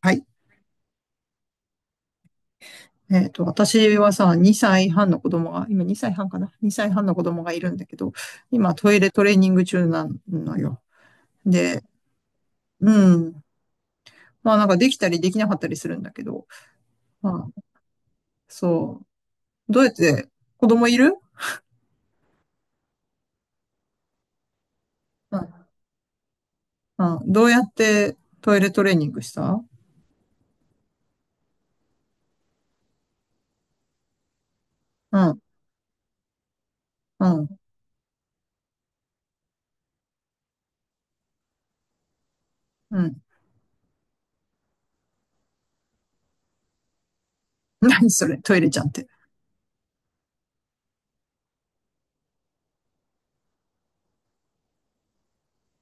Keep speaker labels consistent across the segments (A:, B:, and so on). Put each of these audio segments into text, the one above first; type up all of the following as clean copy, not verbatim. A: はい。私はさ、2歳半の子供が、今2歳半かな？ 2 歳半の子供がいるんだけど、今トイレトレーニング中なのよ。で、うん。なんかできたりできなかったりするんだけど、まあ、そう。どうやって、子供いる？うん。うんどうやってトイレトレーニングした？うん。うん。うん。何それ、トイレちゃんって。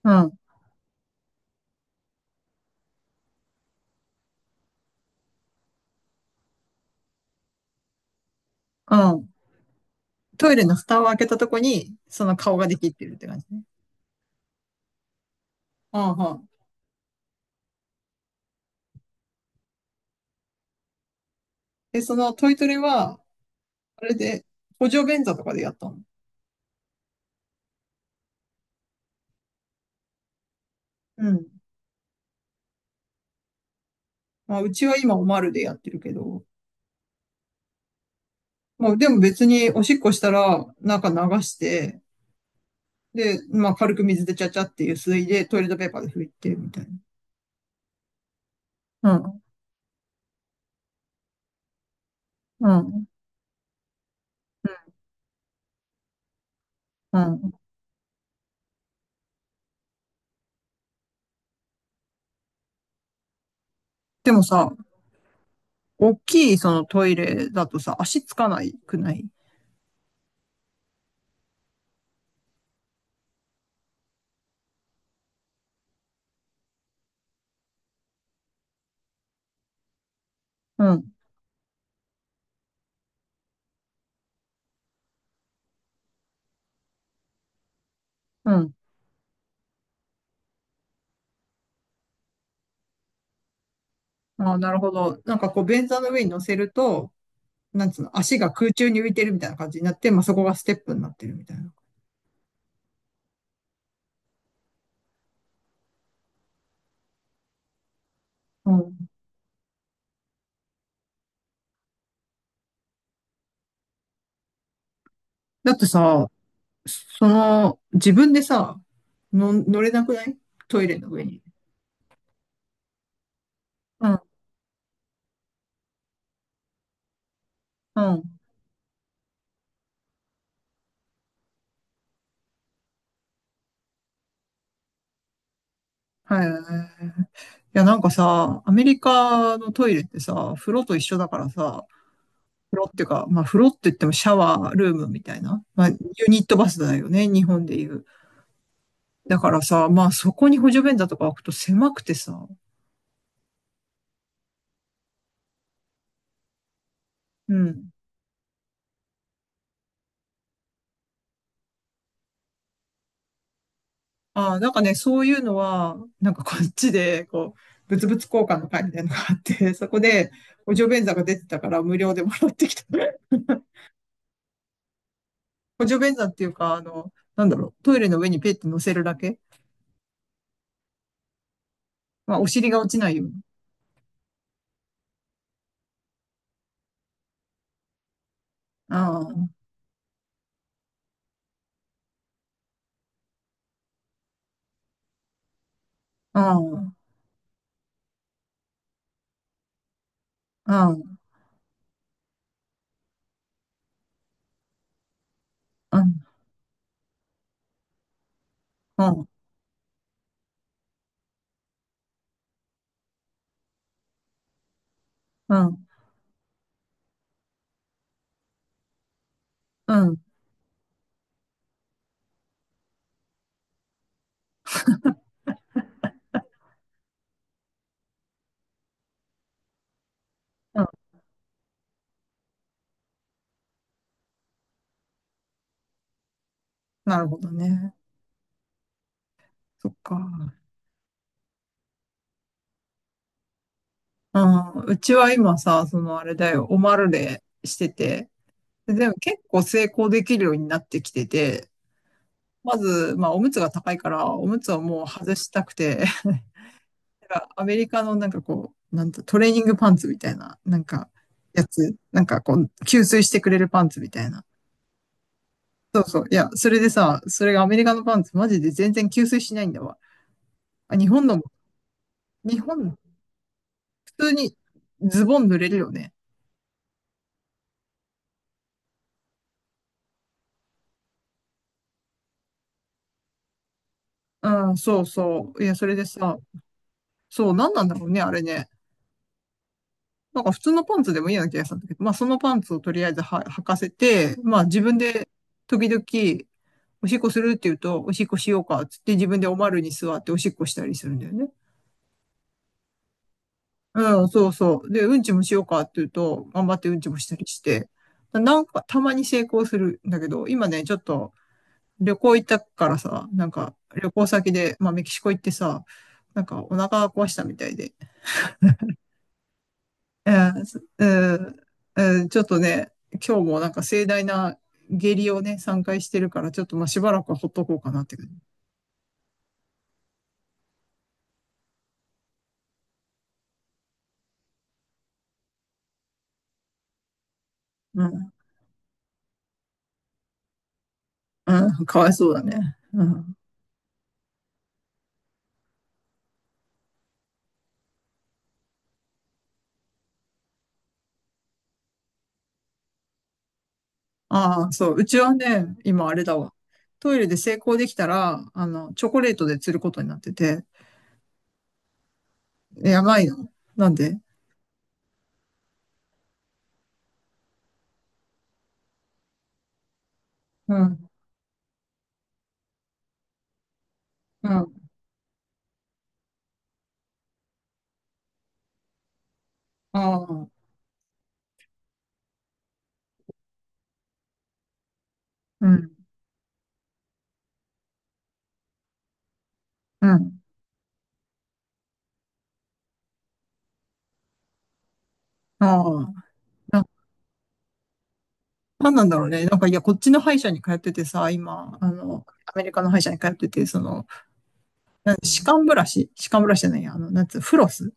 A: うん。うん。トイレの蓋を開けたとこに、その顔ができってるって感じね。うんうん。で、そのトイトレは、あれで、補助便座とかでやったの？うん。まあ、うちは今おまるでやってるけど、まあ、でも別におしっこしたら、なんか流して、で、まあ、軽く水でちゃちゃっていう水でトイレットペーパーで拭いて、みたいな。うん、うん、うん。でもさ、大きいそのトイレだとさ、足つかないくない？うん、うん。ああ、なるほど。なんかこう、便座の上に乗せると、なんつうの、足が空中に浮いてるみたいな感じになって、まあ、そこがステップになってるみたいな。うん。だってさ、その、自分でさ、の、乗れなくない？トイレの上に。うん、うん。はい。いや、なんかさ、アメリカのトイレってさ、風呂と一緒だからさ、風呂っていうか、まあ風呂って言ってもシャワールームみたいな、まあユニットバスだよね、日本でいう。だからさ、まあそこに補助便座とか置くと狭くてさ、うん。ああ、なんかね、そういうのは、なんかこっちで、こう、物々交換の会みたいなのがあって、そこで補助便座が出てたから無料でもらってきた。補助便座っていうか、あの、なんだろう、トイレの上にペッて乗せるだけ、まあ、お尻が落ちないように。ああ、ああ、ああ、ああ、ああ、うん、うん。なるほどね。そっか。ああ、うちは今さ、そのあれだよ、オマルレしてて、でも結構成功できるようになってきてて、まず、まあ、おむつが高いから、おむつをもう外したくて、かアメリカのなんかこう、なんとトレーニングパンツみたいな、なんか、やつ、なんかこう、吸水してくれるパンツみたいな。そうそう。いや、それでさ、それがアメリカのパンツ、マジで全然吸水しないんだわ。あ、日本のも、日本、普通にズボン濡れるよね。うん、そうそう。いや、それでさ、そう、なんなんだろうね、あれね。なんか普通のパンツでもいいような気がしたんだけど、まあそのパンツをとりあえずは履かせて、まあ自分で時々おしっこするって言うと、おしっこしようか、つって自分でおまるに座っておしっこしたりするんだよね。うん、そうそう。で、うんちもしようかって言うと、頑張ってうんちもしたりして、なんかたまに成功するんだけど、今ね、ちょっと旅行行ったからさ、なんか旅行先で、まあメキシコ行ってさ、なんかお腹壊したみたいで、えーすえーえーちょっとね、今日もなんか盛大な下痢をね、3回してるから、ちょっとまあしばらくはほっとこうかなって感じ。うん、うん、かわいそうだね。うん。ああ、そう。うちはね、今あれだわ。トイレで成功できたら、あの、チョコレートで釣ることになってて、やばいよ。なんで？うん、うん、ああ、うん、うん、ああ。な、なんなんだろうね。なんか、いや、こっちの歯医者に通っててさ、今、あの、アメリカの歯医者に通ってて、その、なん歯間ブラシ、歯間ブラシじゃないや、あの、なんつう、フロス。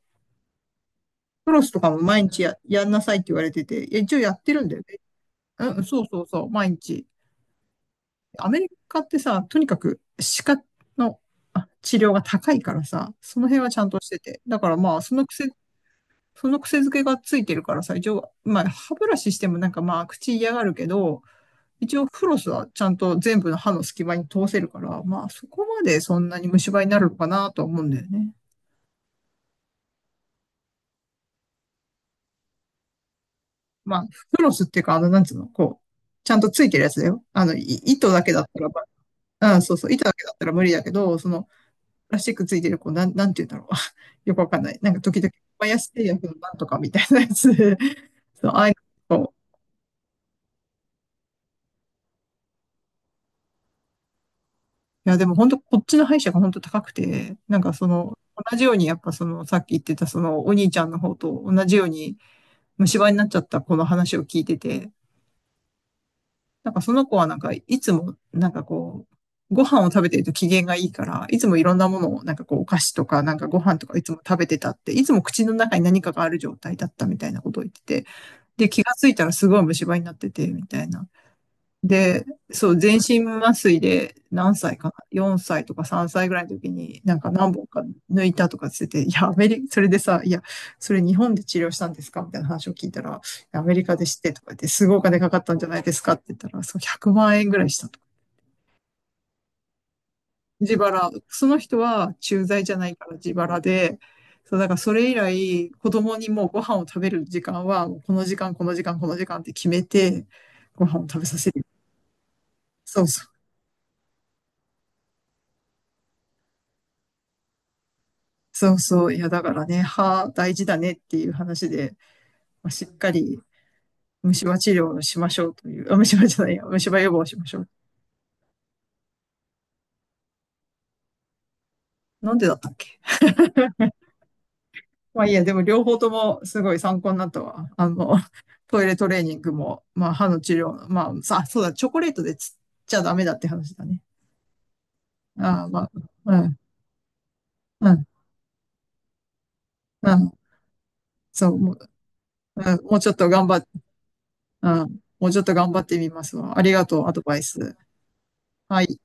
A: フロスとかも毎日や、やんなさいって言われてて、いや一応やってるんだよね。うん、そうそうそう、毎日。アメリカってさ、とにかく歯科の、あ、治療が高いからさ、その辺はちゃんとしてて。だからまあ、その癖、その癖づけがついてるからさ、一応、まあ、歯ブラシしてもなんかまあ、口嫌がるけど、一応フロスはちゃんと全部の歯の隙間に通せるから、まあ、そこまでそんなに虫歯になるのかなとは思うんだよね。まあ、フロスっていうか、あの、なんつうの、こう、ちゃんとついてるやつだよ。あの、い糸だけだったらば、うん、そうそう、糸だけだったら無理だけど、その、ラスチックついてる、こう、なん、なんて言うんだろう。よくわかんない。なんか時々、バイアス製薬のなんとかみたいなやつで、そう、ああいうの。いや、でも本当、こっちの歯医者が本当高くて、なんかその、同じようにやっぱその、さっき言ってたその、お兄ちゃんの方と同じように虫歯になっちゃった子の話を聞いてて、なんかその子はなんか、いつも、なんかこう、ご飯を食べてると機嫌がいいから、いつもいろんなものを、なんかこう、お菓子とか、なんかご飯とかいつも食べてたって、いつも口の中に何かがある状態だったみたいなことを言ってて、で、気がついたらすごい虫歯になってて、みたいな。で、そう、全身麻酔で何歳かな？ 4 歳とか3歳ぐらいの時になんか何本か抜いたとかつってて、いや、アメリカ、それでさ、いや、それ日本で治療したんですかみたいな話を聞いたら、アメリカで知ってとか言って、すごいお金かかったんじゃないですかって言ったら、そう、100万円ぐらいした。自腹。その人は駐在じゃないから自腹で、そう、だからそれ以来、子供にもうご飯を食べる時間は、もうこの時間、この時間、この時間って決めて、ご飯を食べさせる。そうそう。そうそう。いや、だからね、歯大事だねっていう話で、まあ、しっかり虫歯治療をしましょうという、あ、虫歯じゃないや、虫歯予防をしましょう。なんでだったっけ？まあいいや、でも両方ともすごい参考になったわ。あの、トイレトレーニングも、まあ歯の治療、まあさ、そうだ、チョコレートでつっちゃダメだって話だね。ああ、まあ、うん、うん、うん。そう、もう、うん、もうちょっと頑張っ、うん、もうちょっと頑張ってみますわ。ありがとう、アドバイス。はい。